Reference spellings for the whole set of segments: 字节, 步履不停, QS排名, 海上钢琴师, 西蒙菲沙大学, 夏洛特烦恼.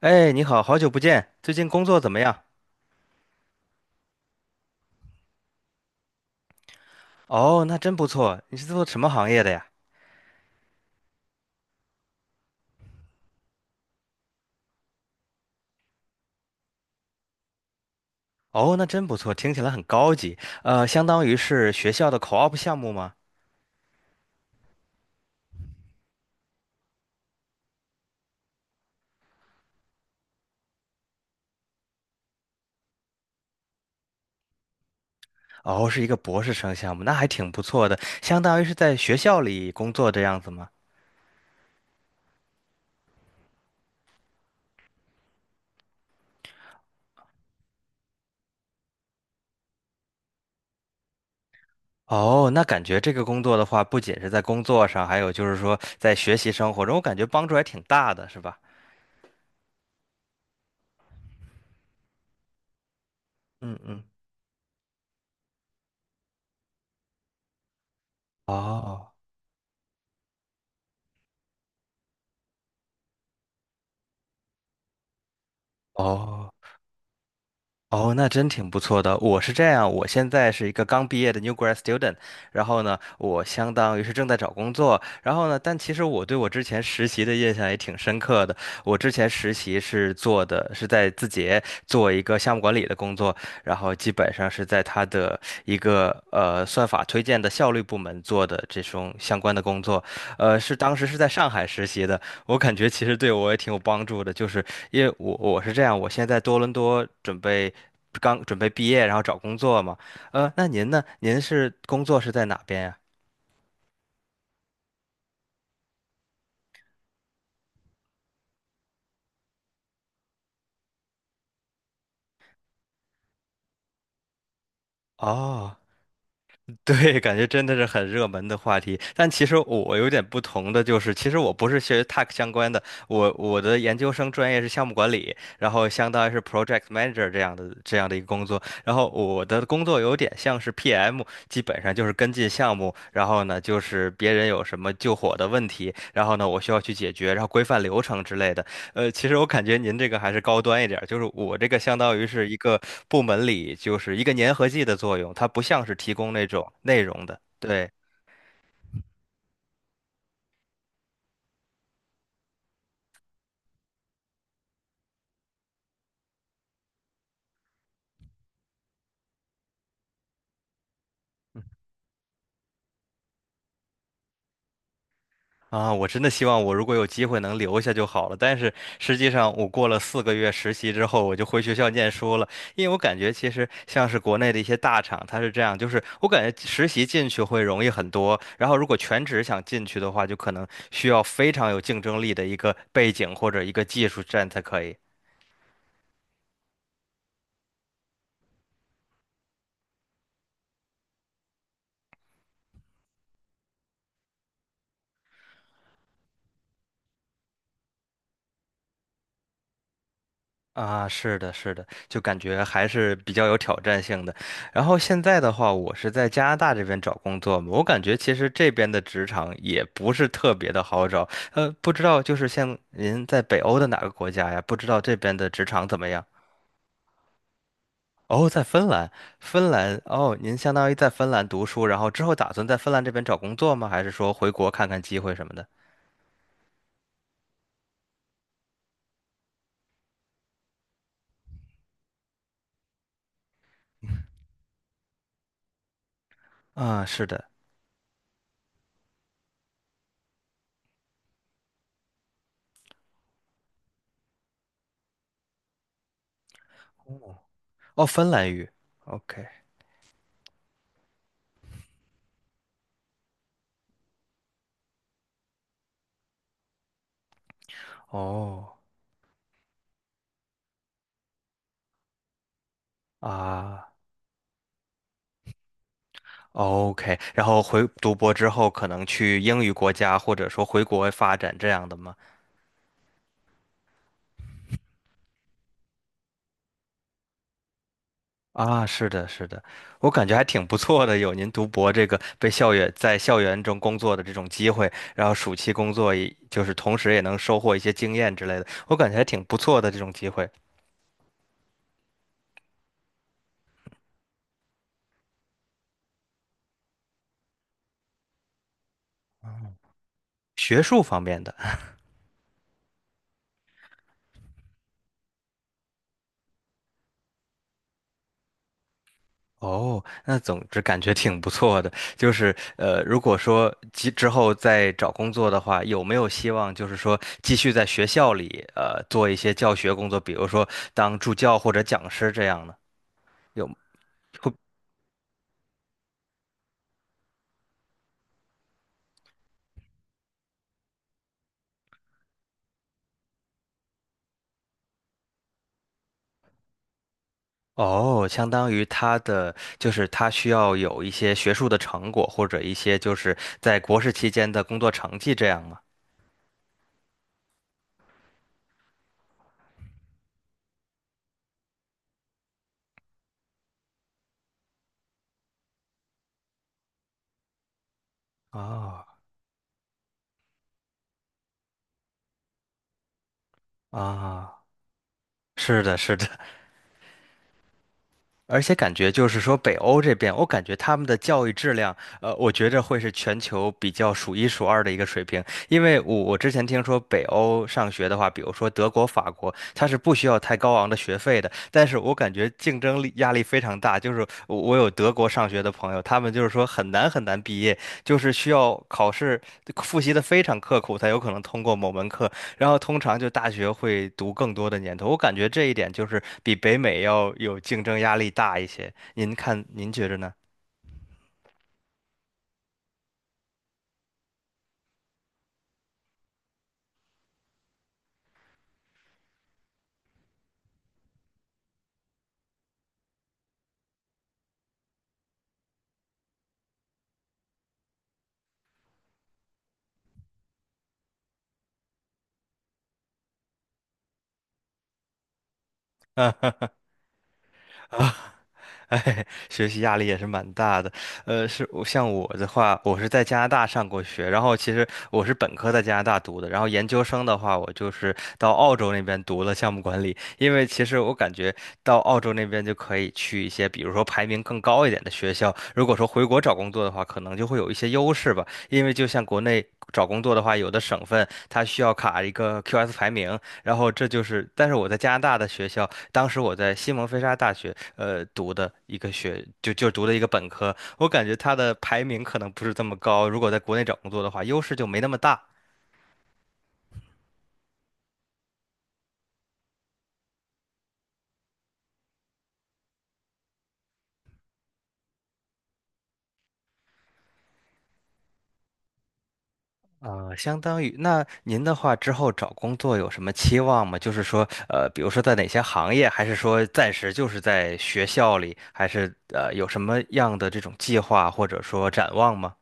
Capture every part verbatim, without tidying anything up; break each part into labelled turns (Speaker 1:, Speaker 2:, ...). Speaker 1: 哎，你好，好久不见，最近工作怎么样？哦，那真不错。你是做什么行业的呀？哦，那真不错，听起来很高级。呃，相当于是学校的 co-op 项目吗？哦，是一个博士生项目，那还挺不错的，相当于是在学校里工作这样子吗？哦，那感觉这个工作的话，不仅是在工作上，还有就是说在学习生活中，我感觉帮助还挺大的，是吧？嗯嗯。哦哦，哦，那真挺不错的。我是这样，我现在是一个刚毕业的 new grad student，然后呢，我相当于是正在找工作，然后呢，但其实我对我之前实习的印象也挺深刻的。我之前实习是做的是在字节做一个项目管理的工作，然后基本上是在他的一个呃算法推荐的效率部门做的这种相关的工作，呃，是当时是在上海实习的。我感觉其实对我也挺有帮助的，就是因为我我是这样，我现在在多伦多准备刚准备毕业，然后找工作嘛。呃，那您呢？您是工作是在哪边呀？哦。对，感觉真的是很热门的话题。但其实我有点不同的就是，其实我不是学 Tech 相关的，我我的研究生专业是项目管理，然后相当于是 Project Manager 这样的这样的一个工作。然后我的工作有点像是 P M，基本上就是跟进项目，然后呢就是别人有什么救火的问题，然后呢我需要去解决，然后规范流程之类的。呃，其实我感觉您这个还是高端一点儿，就是我这个相当于是一个部门里就是一个粘合剂的作用，它不像是提供那种内容的。对啊，我真的希望我如果有机会能留下就好了。但是实际上，我过了四个月实习之后，我就回学校念书了，因为我感觉其实像是国内的一些大厂，它是这样，就是我感觉实习进去会容易很多，然后如果全职想进去的话，就可能需要非常有竞争力的一个背景或者一个技术站才可以。啊，是的，是的，就感觉还是比较有挑战性的。然后现在的话，我是在加拿大这边找工作嘛，我感觉其实这边的职场也不是特别的好找。呃，不知道就是像您在北欧的哪个国家呀？不知道这边的职场怎么样？哦，在芬兰，芬兰，哦，您相当于在芬兰读书，然后之后打算在芬兰这边找工作吗？还是说回国看看机会什么的？啊，是的，哦，芬兰语，OK，哦，啊。OK，然后回读博之后，可能去英语国家，或者说回国外发展这样的吗？啊，是的，是的，我感觉还挺不错的，有您读博这个被校园在校园中工作的这种机会，然后暑期工作也就是同时也能收获一些经验之类的，我感觉还挺不错的这种机会，学术方面的。哦，那总之感觉挺不错的。就是呃，如果说之之后再找工作的话，有没有希望就是说继续在学校里呃做一些教学工作，比如说当助教或者讲师这样呢？有会哦，相当于他的就是他需要有一些学术的成果或者一些就是在国士期间的工作成绩这样吗？啊啊，是的，是的。而且感觉就是说，北欧这边，我感觉他们的教育质量，呃，我觉着会是全球比较数一数二的一个水平。因为我我之前听说北欧上学的话，比如说德国、法国，它是不需要太高昂的学费的，但是我感觉竞争力压力非常大。就是我我有德国上学的朋友，他们就是说很难很难毕业，就是需要考试复习的非常刻苦才有可能通过某门课，然后通常就大学会读更多的年头，我感觉这一点就是比北美要有竞争压力大一些。您看，您觉着呢？啊？哎，学习压力也是蛮大的。呃，是我像我的话，我是在加拿大上过学，然后其实我是本科在加拿大读的，然后研究生的话，我就是到澳洲那边读了项目管理。因为其实我感觉到澳洲那边就可以去一些，比如说排名更高一点的学校。如果说回国找工作的话，可能就会有一些优势吧。因为就像国内找工作的话，有的省份它需要卡一个 Q S 排名，然后这就是，但是我在加拿大的学校，当时我在西蒙菲沙大学，呃，读的一个学，就就读的一个本科，我感觉它的排名可能不是这么高，如果在国内找工作的话，优势就没那么大。啊，相当于那您的话之后找工作有什么期望吗？就是说，呃，比如说在哪些行业，还是说暂时就是在学校里，还是呃有什么样的这种计划或者说展望吗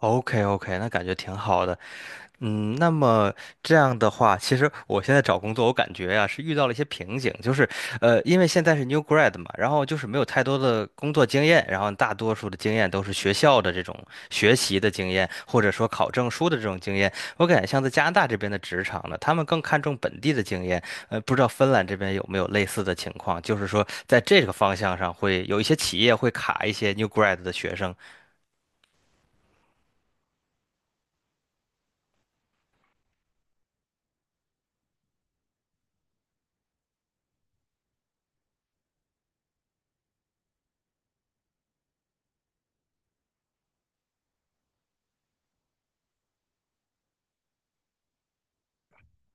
Speaker 1: ？OK OK，那感觉挺好的。嗯，那么这样的话，其实我现在找工作，我感觉呀、是遇到了一些瓶颈，就是，呃，因为现在是 new grad 嘛，然后就是没有太多的工作经验，然后大多数的经验都是学校的这种学习的经验，或者说考证书的这种经验。我感觉像在加拿大这边的职场呢，他们更看重本地的经验，呃，不知道芬兰这边有没有类似的情况，就是说在这个方向上会有一些企业会卡一些 new grad 的学生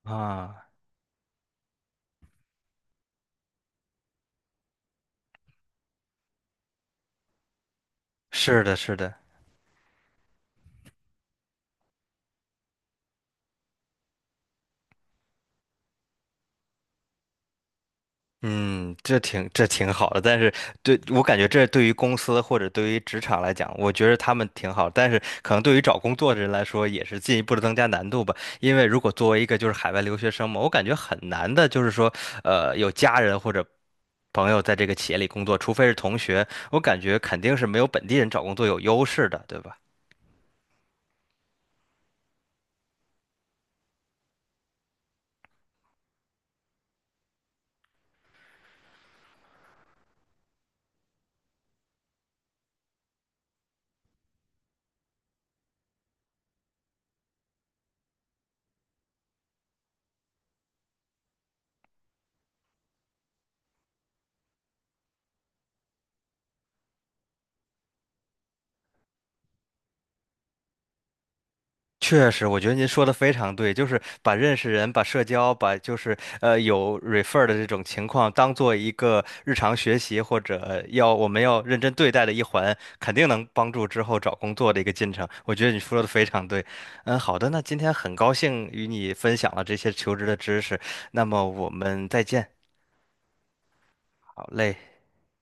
Speaker 1: 啊，是的，是的。嗯，这挺这挺好的，但是对我感觉这对于公司或者对于职场来讲，我觉得他们挺好，但是可能对于找工作的人来说，也是进一步的增加难度吧。因为如果作为一个就是海外留学生嘛，我感觉很难的，就是说，呃，有家人或者朋友在这个企业里工作，除非是同学，我感觉肯定是没有本地人找工作有优势的，对吧？确实，我觉得您说的非常对，就是把认识人、把社交、把就是呃有 refer 的这种情况当做一个日常学习或者要我们要认真对待的一环，肯定能帮助之后找工作的一个进程。我觉得你说的非常对。嗯，好的，那今天很高兴与你分享了这些求职的知识，那么我们再见。好嘞。